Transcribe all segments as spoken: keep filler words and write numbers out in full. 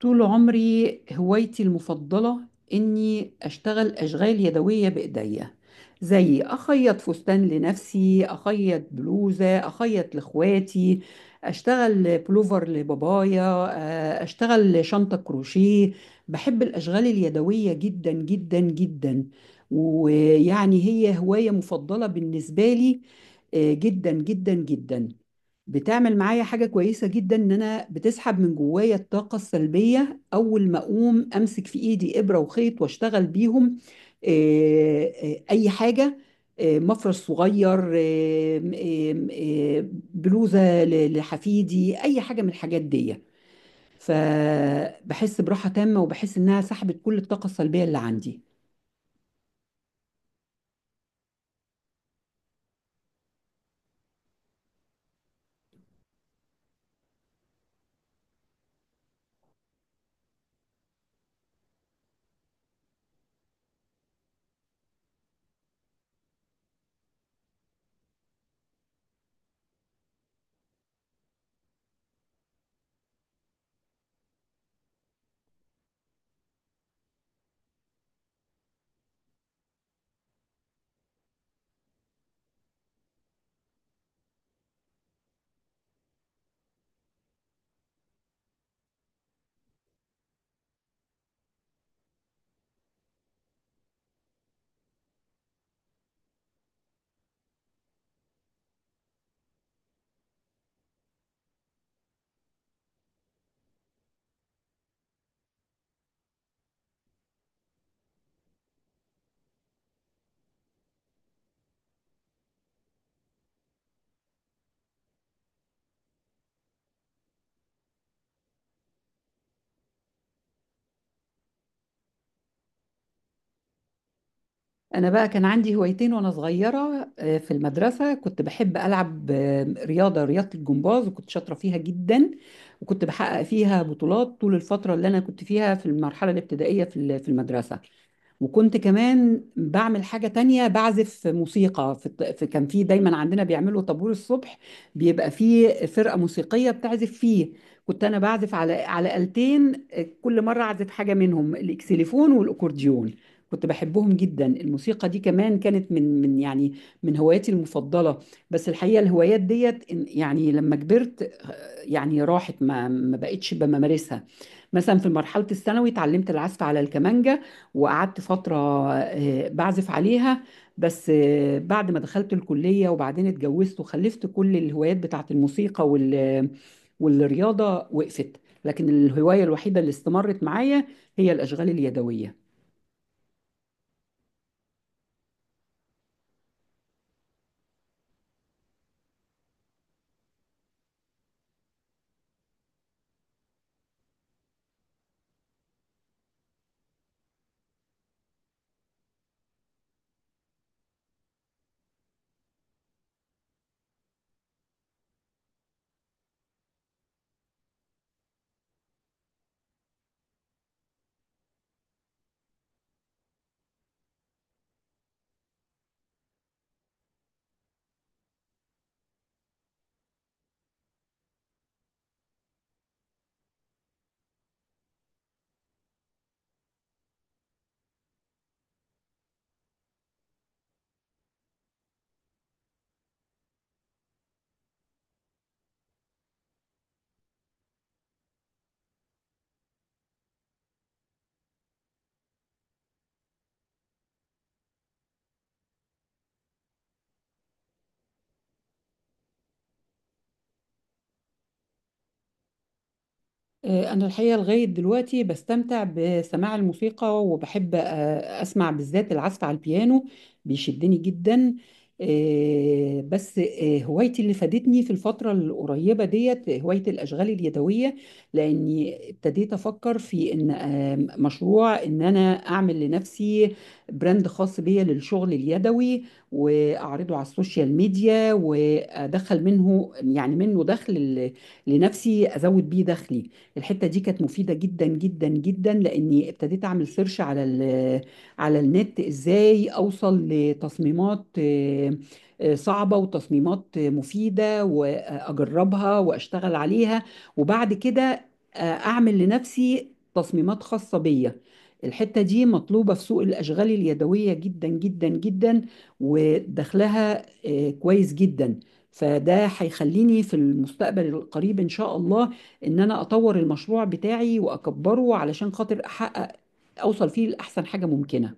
طول عمري هوايتي المفضلة إني أشتغل أشغال يدوية بإيديا، زي أخيط فستان لنفسي، أخيط بلوزة، أخيط لإخواتي، أشتغل بلوفر لبابايا، آه، أشتغل شنطة كروشيه. بحب الأشغال اليدوية جدا جدا جدا، ويعني هي هواية مفضلة بالنسبة لي. آه، جدا جدا جدا. بتعمل معايا حاجة كويسة جدا، إن أنا بتسحب من جوايا الطاقة السلبية أول ما أقوم أمسك في إيدي إبرة وخيط وأشتغل بيهم. آه، آه، أي حاجة. آه، مفرش صغير، آه، م- آه، آه، بلوزة ل- لحفيدي، أي حاجة من الحاجات دي. فبحس براحة تامة وبحس إنها سحبت كل الطاقة السلبية اللي عندي. أنا بقى كان عندي هوايتين وأنا صغيرة. آه، في المدرسة كنت بحب ألعب، آه، رياضة رياضة الجمباز، وكنت شاطرة فيها جدا، وكنت بحقق فيها بطولات طول الفترة اللي أنا كنت فيها في المرحلة الابتدائية في ال- في المدرسة. وكنت كمان بعمل حاجة تانية، بعزف موسيقى. في الط- في- كان في دايما عندنا بيعملوا طابور الصبح، بيبقى فيه فرقة موسيقية بتعزف فيه. كنت أنا بعزف على على آلتين، آه، كل مرة أعزف حاجة منهم، الإكسليفون والأكورديون. كنت بحبهم جدا. الموسيقى دي كمان كانت من من يعني من هواياتي المفضلة. بس الحقيقة الهوايات ديت إن- يعني لما كبرت، آه، يعني راحت، ما ما بقتش بممارسها. مثلا في مرحلة الثانوي اتعلمت العزف على الكمانجة، وقعدت فترة آه، بعزف عليها. بس آه، بعد ما دخلت الكلية وبعدين اتجوزت وخلفت، كل الهوايات بتاعت الموسيقى وال والرياضة وقفت. لكن الهواية الوحيدة اللي استمرت معايا هي الأشغال اليدوية. آه، أنا الحقيقة لغاية دلوقتي بستمتع بسماع الموسيقى، وبحب آه، أسمع بالذات العزف على البيانو، بيشدني جدا. آه، بس آه، هوايتي اللي فادتني في الفترة القريبة ديت هواية الأشغال اليدوية، لأني ابتديت أفكر في إن آه، مشروع، إن أنا أعمل لنفسي براند خاص بيا للشغل اليدوي، وأعرضه على السوشيال ميديا وأدخل منه، يعني منه دخل ل- لنفسي، أزود بيه دخلي. الحتة دي كانت مفيدة جدا جدا جدا، لأني ابتديت أعمل سيرش على ال على النت، إزاي أوصل لتصميمات آه، آه، صعبة، وتصميمات آه، مفيدة، وأجربها وأشتغل عليها. وبعد كده آه، أعمل لنفسي تصميمات خاصة بيا. الحتة دي مطلوبة في سوق الأشغال اليدوية جدا جدا جدا، ودخلها آه، كويس جدا. فده هيخليني في المستقبل القريب إن شاء الله، ان انا اطور المشروع بتاعي واكبره، علشان خاطر احقق، اوصل فيه لاحسن حاجه ممكنه.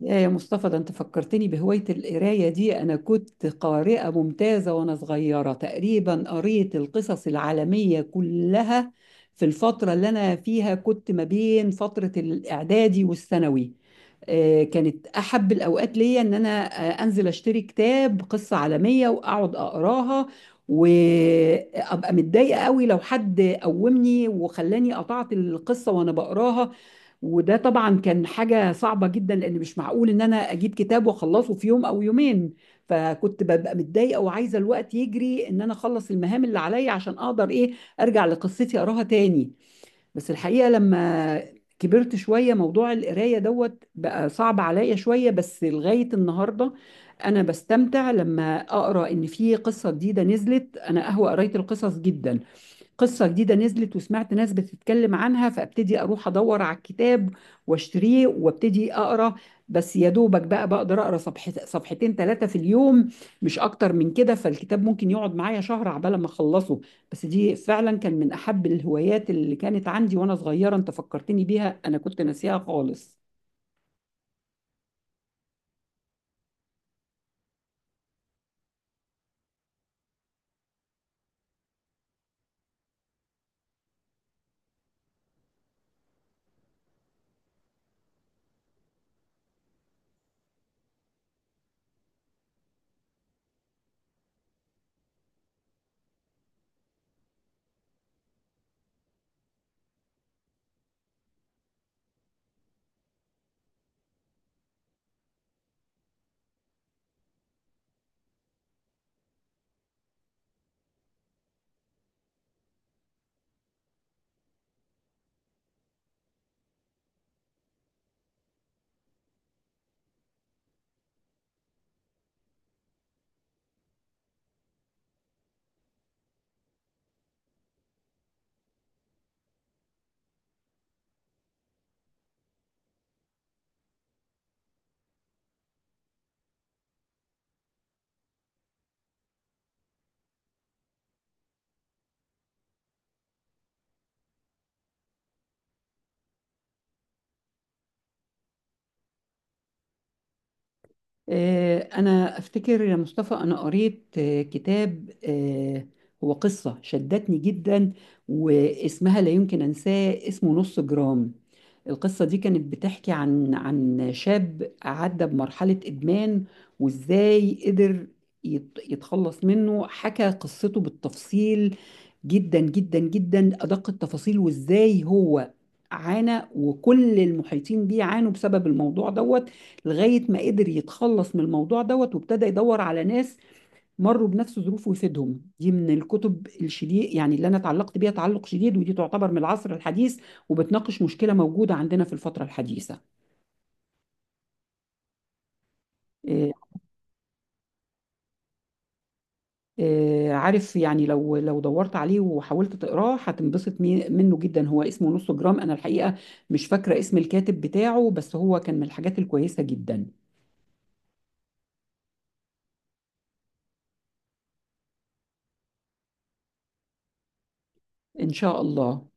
يا يا مصطفى، ده انت فكرتني بهوايه القرايه دي. انا كنت قارئه ممتازه وانا صغيره، تقريبا قريت القصص العالميه كلها في الفتره اللي انا فيها، كنت ما بين فتره الاعدادي والثانوي. آه، كانت احب الاوقات ليا ان انا آه، انزل اشتري كتاب قصه عالميه واقعد اقراها، وابقى متضايقه قوي لو حد قومني وخلاني قطعت القصه وانا بقراها. وده طبعا كان حاجه صعبه جدا، لان مش معقول ان انا اجيب كتاب واخلصه في يوم او يومين. فكنت ببقى متضايقه وعايزه الوقت يجري، ان انا اخلص المهام اللي عليا عشان اقدر ايه، ارجع لقصتي اقراها تاني. بس الحقيقة لما كبرت شوية موضوع القراية دوت بقى صعب عليا شوية، بس لغاية النهاردة أنا بستمتع لما أقرأ. إن في قصة جديدة نزلت، أنا أهوى قراية القصص جدا. قصة جديدة نزلت وسمعت ناس بتتكلم عنها، فابتدي اروح ادور على الكتاب واشتريه وابتدي اقرا. بس يا دوبك بقى بقدر اقرا صفح صفحتين ثلاثة في اليوم، مش اكتر من كده، فالكتاب ممكن يقعد معايا شهر عبال ما اخلصه. بس دي فعلا كان من احب الهوايات اللي كانت عندي وانا صغيرة، انت فكرتني بيها، انا كنت ناسيها خالص. آه، أنا أفتكر يا مصطفى، أنا قريت آه، كتاب، آه، هو قصة شدتني جدا، واسمها لا يمكن أنساه، اسمه نص جرام. القصة دي كانت بتحكي عن عن شاب عدى بمرحلة إدمان، وإزاي قدر يت- يتخلص منه. حكى قصته بالتفصيل، جدا جدا جدا، أدق التفاصيل، وإزاي هو عانى وكل المحيطين بيه عانوا بسبب الموضوع دوت، لغاية ما قدر يتخلص من الموضوع دوت، وابتدى يدور على ناس مروا بنفس ظروفه ويفيدهم. دي من الكتب الشديد يعني اللي أنا اتعلقت بيها تعلق شديد، ودي تعتبر من العصر الحديث، وبتناقش مشكلة موجودة عندنا في الفترة الحديثة. آه، آه، عارف يعني، لو لو دورت عليه وحاولت تقراه هتنبسط مي- منه جدا. هو اسمه نص جرام، أنا الحقيقة مش فاكرة اسم الكاتب بتاعه، بس هو كان من الحاجات الكويسة جدا. إن شاء الله.